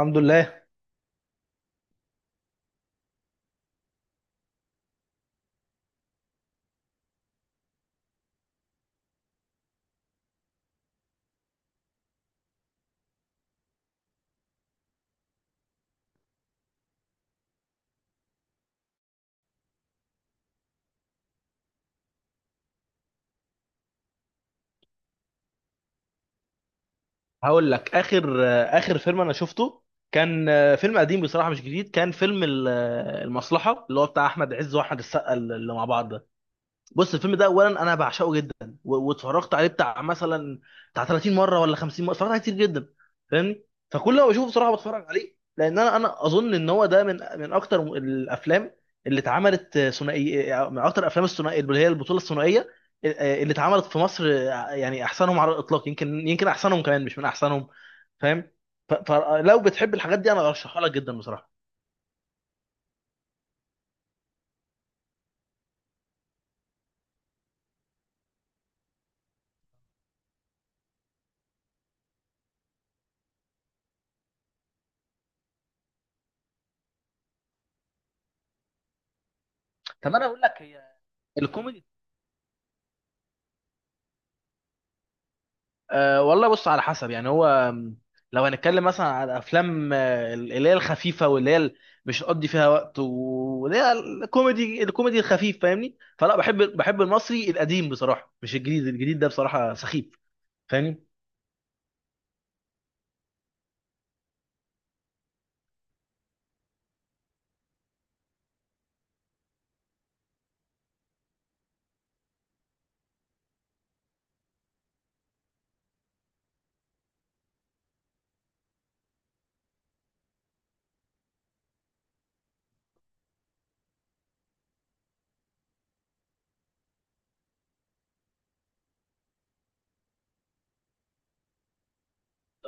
الحمد لله. هقول لك اخر فيلم انا شفته، كان فيلم قديم بصراحه مش جديد. كان فيلم المصلحه اللي هو بتاع احمد عز واحمد السقا اللي مع بعض ده. بص الفيلم ده اولا انا بعشقه جدا واتفرجت عليه بتاع 30 مره ولا 50 مره، اتفرجت عليه كتير جدا، فاهمني؟ فكل ما بشوفه بصراحه بتفرج عليه، لان انا اظن ان هو ده من اكتر الافلام اللي اتعملت ثنائي، من اكتر الافلام الثنائيه اللي هي البطوله الثنائيه اللي اتعملت في مصر، يعني احسنهم على الاطلاق. يمكن احسنهم كمان مش من احسنهم، فاهم؟ فلو بتحب الحاجات دي انا ارشحها لك جدا بصراحه. طب انا اقول لك هي الكوميدي. أه والله بص على حسب يعني هو م، لو هنتكلم مثلا على افلام اللي هي الخفيفه واللي هي مش هتقضي فيها وقت، واللي هي الكوميدي الخفيف، فاهمني؟ فلا، بحب المصري القديم بصراحه، مش الجديد. الجديد ده بصراحه سخيف، فاهمني؟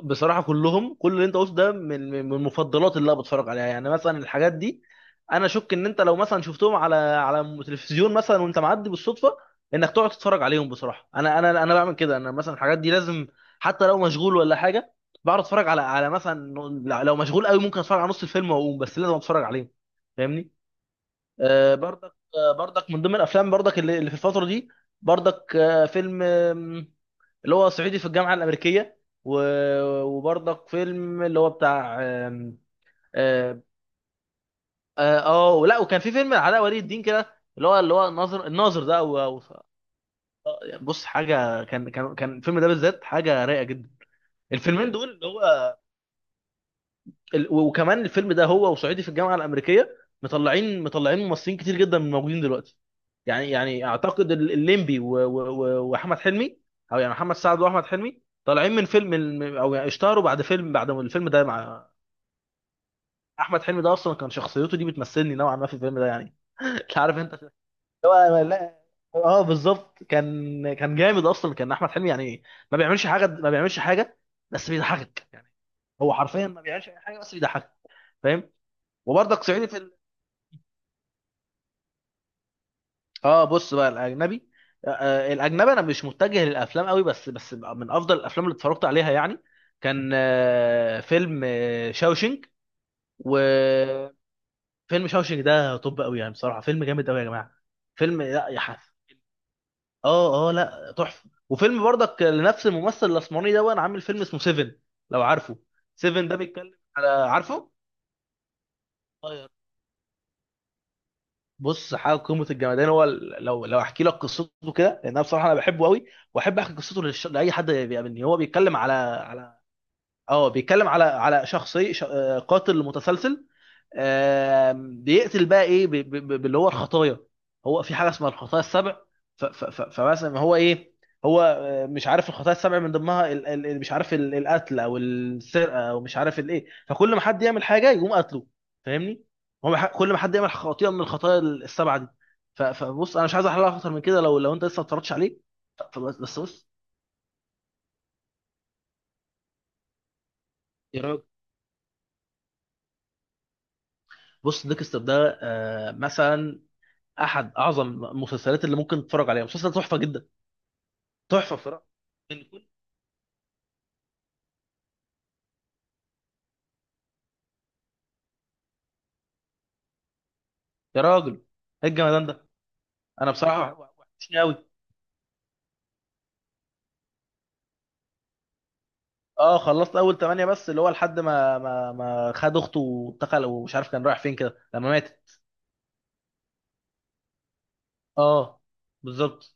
بصراحة كلهم، كل اللي انت قلته ده من مفضلات اللي انا بتفرج عليها يعني. مثلا الحاجات دي انا اشك ان انت لو مثلا شفتهم على تلفزيون مثلا، وانت معدي بالصدفة، انك تقعد تتفرج عليهم. بصراحة انا انا بعمل كده. انا مثلا الحاجات دي لازم، حتى لو مشغول ولا حاجة، بقعد اتفرج على مثلا، لو مشغول قوي ممكن اتفرج على نص الفيلم واقوم، بس لازم اتفرج عليهم، فاهمني؟ برضك، برضك من ضمن الافلام، برضك اللي في الفترة دي، برضك فيلم اللي هو صعيدي في الجامعه الامريكيه، وبرضك فيلم اللي هو بتاع آه ولا، وكان في فيلم علاء ولي الدين كده اللي هو الناظر، ده بص حاجه، كان الفيلم ده بالذات حاجه رايقه جدا. الفيلمين دول وكمان الفيلم ده هو وصعيدي في الجامعه الامريكيه، مطلعين ممثلين كتير جدا من موجودين دلوقتي. يعني اعتقد الليمبي واحمد حلمي، او يعني محمد سعد واحمد حلمي طالعين من فيلم او يعني اشتهروا بعد فيلم، بعد ما الفيلم ده مع احمد حلمي ده اصلا، كان شخصيته دي بتمثلني نوعا ما في الفيلم ده يعني. مش عارف انت. هو لا. اه بالظبط، كان جامد اصلا كان احمد حلمي، يعني ما بيعملش حاجه، بس بيضحكك يعني. هو حرفيا ما بيعملش اي حاجه بس بيضحكك، فاهم؟ وبرضك صعيدي في اه بص بقى الاجنبي. الاجنبي انا مش متجه للافلام قوي، بس من افضل الافلام اللي اتفرجت عليها يعني، كان فيلم شاوشنج، وفيلم شاوشنج ده طب قوي يعني، بصراحه فيلم جامد قوي يا جماعه، فيلم لا يا حاف. اه اه، لا تحفه. وفيلم برضك لنفس الممثل الاسمراني ده، وانا عامل فيلم اسمه سيفن، لو عارفه. سيفن ده بيتكلم على، عارفه، بص حاجه قمه الجمدان، هو لو احكي لك قصته كده، لان انا بصراحه انا بحبه قوي واحب احكي قصته لاي حد بيقابلني. هو بيتكلم على اه، بيتكلم على شخصي ش... آه، قاتل متسلسل، بيقتل بقى ايه، باللي هو الخطايا. هو في حاجه اسمها الخطايا السبع، فمثلا هو ايه، هو مش عارف الخطايا السبع من ضمنها مش عارف القتل او السرقه او مش عارف الايه، فكل ما حد يعمل حاجه يقوم قتله، فاهمني؟ هو كل ما حد يعمل خطيئه من الخطايا السبعه دي. فبص انا مش عايز احللها اكتر من كده، لو انت لسه ما اتفرجتش عليه. فبس- بس بس بص يا راجل. بص ديكستر ده مثلا احد اعظم المسلسلات اللي ممكن تتفرج عليها، مسلسل تحفه جدا، تحفه بصراحه. من كل، يا راجل ايه الجمدان ده. انا بصراحه وحشني قوي. اه خلصت اول 8 بس، اللي هو لحد ما خد اخته واتقل ومش عارف كان رايح فين كده لما ماتت. اه بالظبط.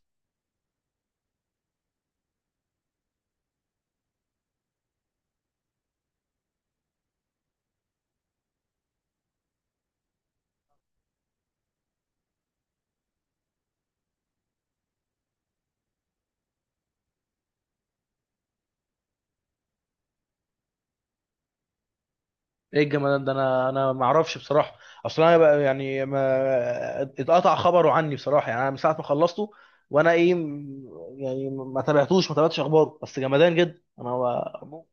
ايه الجمدان ده، انا ما اعرفش بصراحه. اصل انا بقى يعني ما اتقطع خبره عني بصراحه، يعني انا من ساعه ما خلصته وانا ايه يعني ما تابعتش اخباره، بس جمدان جدا. انا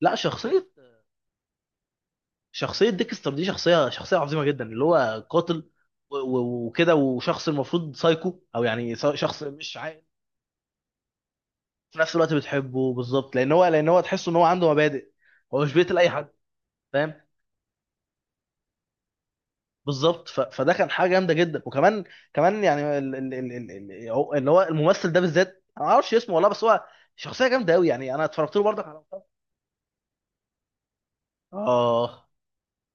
لا شخصيه، شخصية ديكستر دي شخصية، عظيمة جدا، اللي هو قاتل وكده، وشخص المفروض سايكو او يعني شخص مش عاقل، في نفس الوقت بتحبه بالظبط، لان هو تحس ان هو عنده مبادئ. هو مش بيقتل اي حد، فاهم؟ بالظبط. فده كان حاجة جامدة جدا. وكمان يعني اللي هو الممثل ده بالذات انا ما اعرفش اسمه والله، بس هو شخصية جامدة قوي يعني، انا اتفرجت له برضك على اه،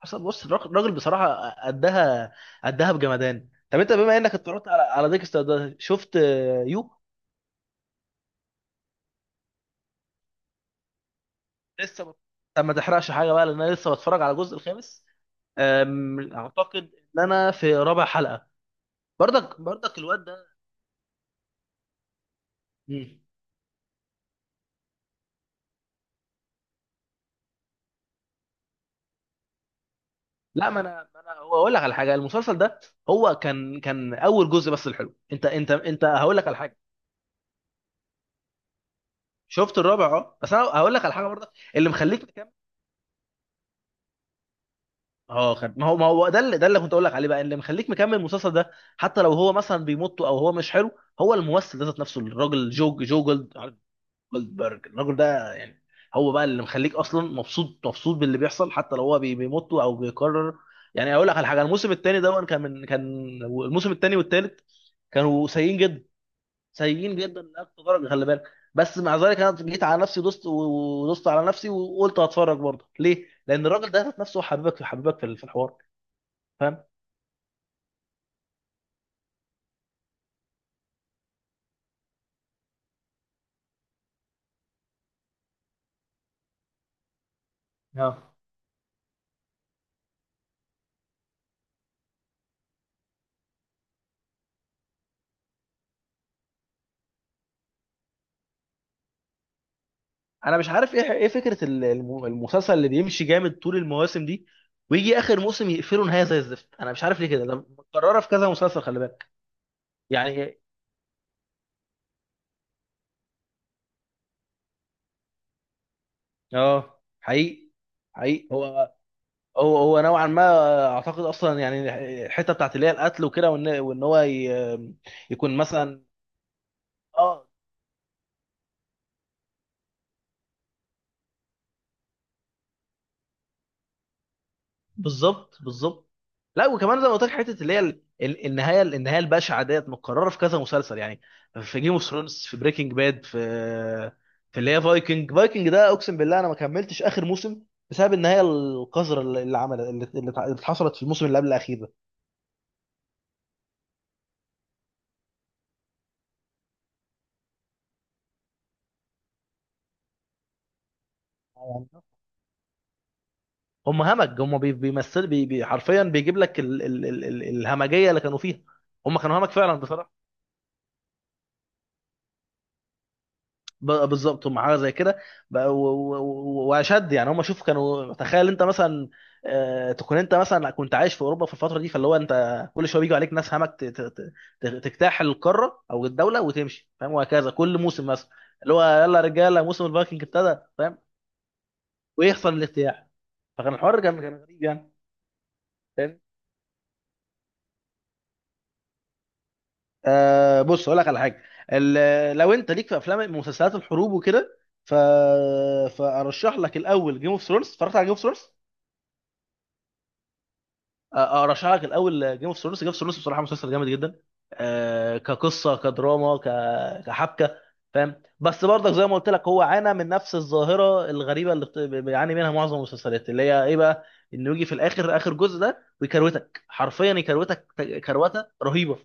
حصل، بص الراجل، بصراحه قدها، قدها بجمدان. طب انت بما انك اتفرجت على ديكستر ده، شفت يو؟ لسه بت... طب ما تحرقش حاجه بقى، لان انا لسه بتفرج على الجزء الخامس، اعتقد ان انا في رابع حلقه. برضك الواد ده. مم. لا، ما انا هو اقول لك على حاجه. المسلسل ده هو كان، اول جزء بس الحلو. انت هقول لك على حاجه. شفت الرابع، اه، بس انا هقول لك على حاجه برضك اللي مخليك. اه خد، ما هو ده اللي، كنت اقول لك عليه بقى اللي مخليك مكمل المسلسل ده، حتى لو هو مثلا بيمط او هو مش حلو، هو الممثل ده ذات نفسه، الراجل، جو جو جولد جولدبرج، الراجل ده يعني هو بقى اللي مخليك اصلا مبسوط، باللي بيحصل حتى لو هو بيمط او بيكرر. يعني اقول لك على حاجه، الموسم الثاني ده كان، من كان الموسم الثاني والثالث كانوا سيئين جدا، سيئين جدا لاقصى درجه، خلي بالك. بس مع ذلك انا جيت على نفسي دوست ودوست على نفسي وقلت هتفرج برضه. ليه؟ لان الراجل ده ذات نفسه حبيبك، حبيبك في الحوار، فاهم؟ اه انا مش عارف ايه، فكره المسلسل اللي بيمشي جامد طول المواسم دي، ويجي اخر موسم يقفله نهايه زي الزفت. انا مش عارف ليه كده، ده متكرره في كذا مسلسل خلي بالك يعني. اه حقيقي، حقيقي هو، نوعا ما اعتقد اصلا يعني الحته بتاعت اللي هي القتل وكده، وان هو يكون مثلا. اه بالظبط، لا وكمان زي ما قلت لك حته اللي هي النهايه، البشعه ديت متكرره في كذا مسلسل يعني. في جيم اوف ثرونز، في بريكنج باد، في اللي هي فايكنج. ده اقسم بالله انا ما كملتش اخر موسم بسبب النهايه القذره اللي اللي عمل اللي اللي اتع- اللي حصلت في الموسم اللي قبل الاخير ده. يعني هم همج، هم بيمثل، بي بي حرفيا بيجيب لك ال ال ال ال الهمجيه اللي كانوا فيها، هم كانوا همج فعلا بصراحه. بالظبط هم حاجه زي كده. واشد يعني، هم شوف كانوا، تخيل انت مثلا تكون انت مثلا كنت عايش في اوروبا في الفتره دي، فاللي هو انت كل شويه بيجوا عليك ناس همك تجتاح القاره او الدوله وتمشي، فاهم؟ وهكذا كل موسم مثلا اللي هو يلا يا رجاله موسم الفايكنج ابتدى، فاهم؟ ويحصل الاجتياح. فكان الحوار كان، غريب يعني، فاهم؟ بص اقول لك على حاجه، لو انت ليك في افلام مسلسلات الحروب وكده، ف... فارشح لك الاول جيم اوف ثرونز. اتفرجت على جيم اوف ثرونز؟ ارشح لك الاول جيم اوف ثرونز. بصراحه مسلسل جامد جدا، كقصه، كدراما، كحبكه، فاهم؟ بس برضك زي ما قلت لك هو عانى من نفس الظاهره الغريبه اللي بيعاني منها معظم المسلسلات، اللي هي ايه بقى، انه يجي في الاخر اخر جزء ده ويكروتك حرفيا، يكروتك كروته رهيبه.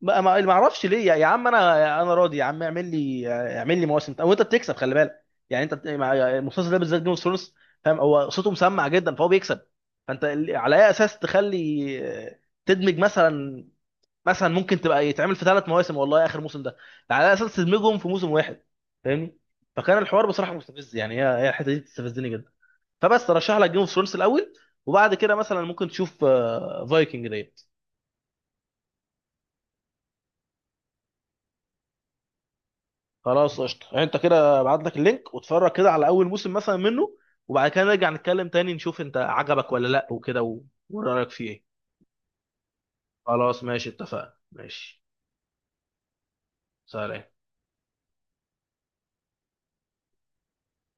ما اعرفش ليه يا عم. انا راضي يا عم، اعمل لي، مواسم وانت بتكسب، خلي بالك يعني انت المسلسل ده بالذات، جيم اوف ثرونز، فاهم؟ هو صوته مسمع جدا فهو بيكسب. فانت على اي اساس تخلي، تدمج، مثلا ممكن تبقى يتعمل في 3 مواسم والله اخر موسم ده، على اي اساس تدمجهم في موسم واحد، فاهمني؟ فكان الحوار بصراحه مستفز يعني، هي الحته دي بتستفزني جدا. فبس ترشح لك جيم اوف ثرونز الاول، وبعد كده مثلا ممكن تشوف فايكنج ديت. خلاص قشطه، يعني انت كده ابعت لك اللينك واتفرج كده على اول موسم مثلا منه، وبعد كده نرجع نتكلم تاني، نشوف انت عجبك ولا لا وكده ورايك فيه ايه. خلاص ماشي، اتفقنا، ماشي، سلام.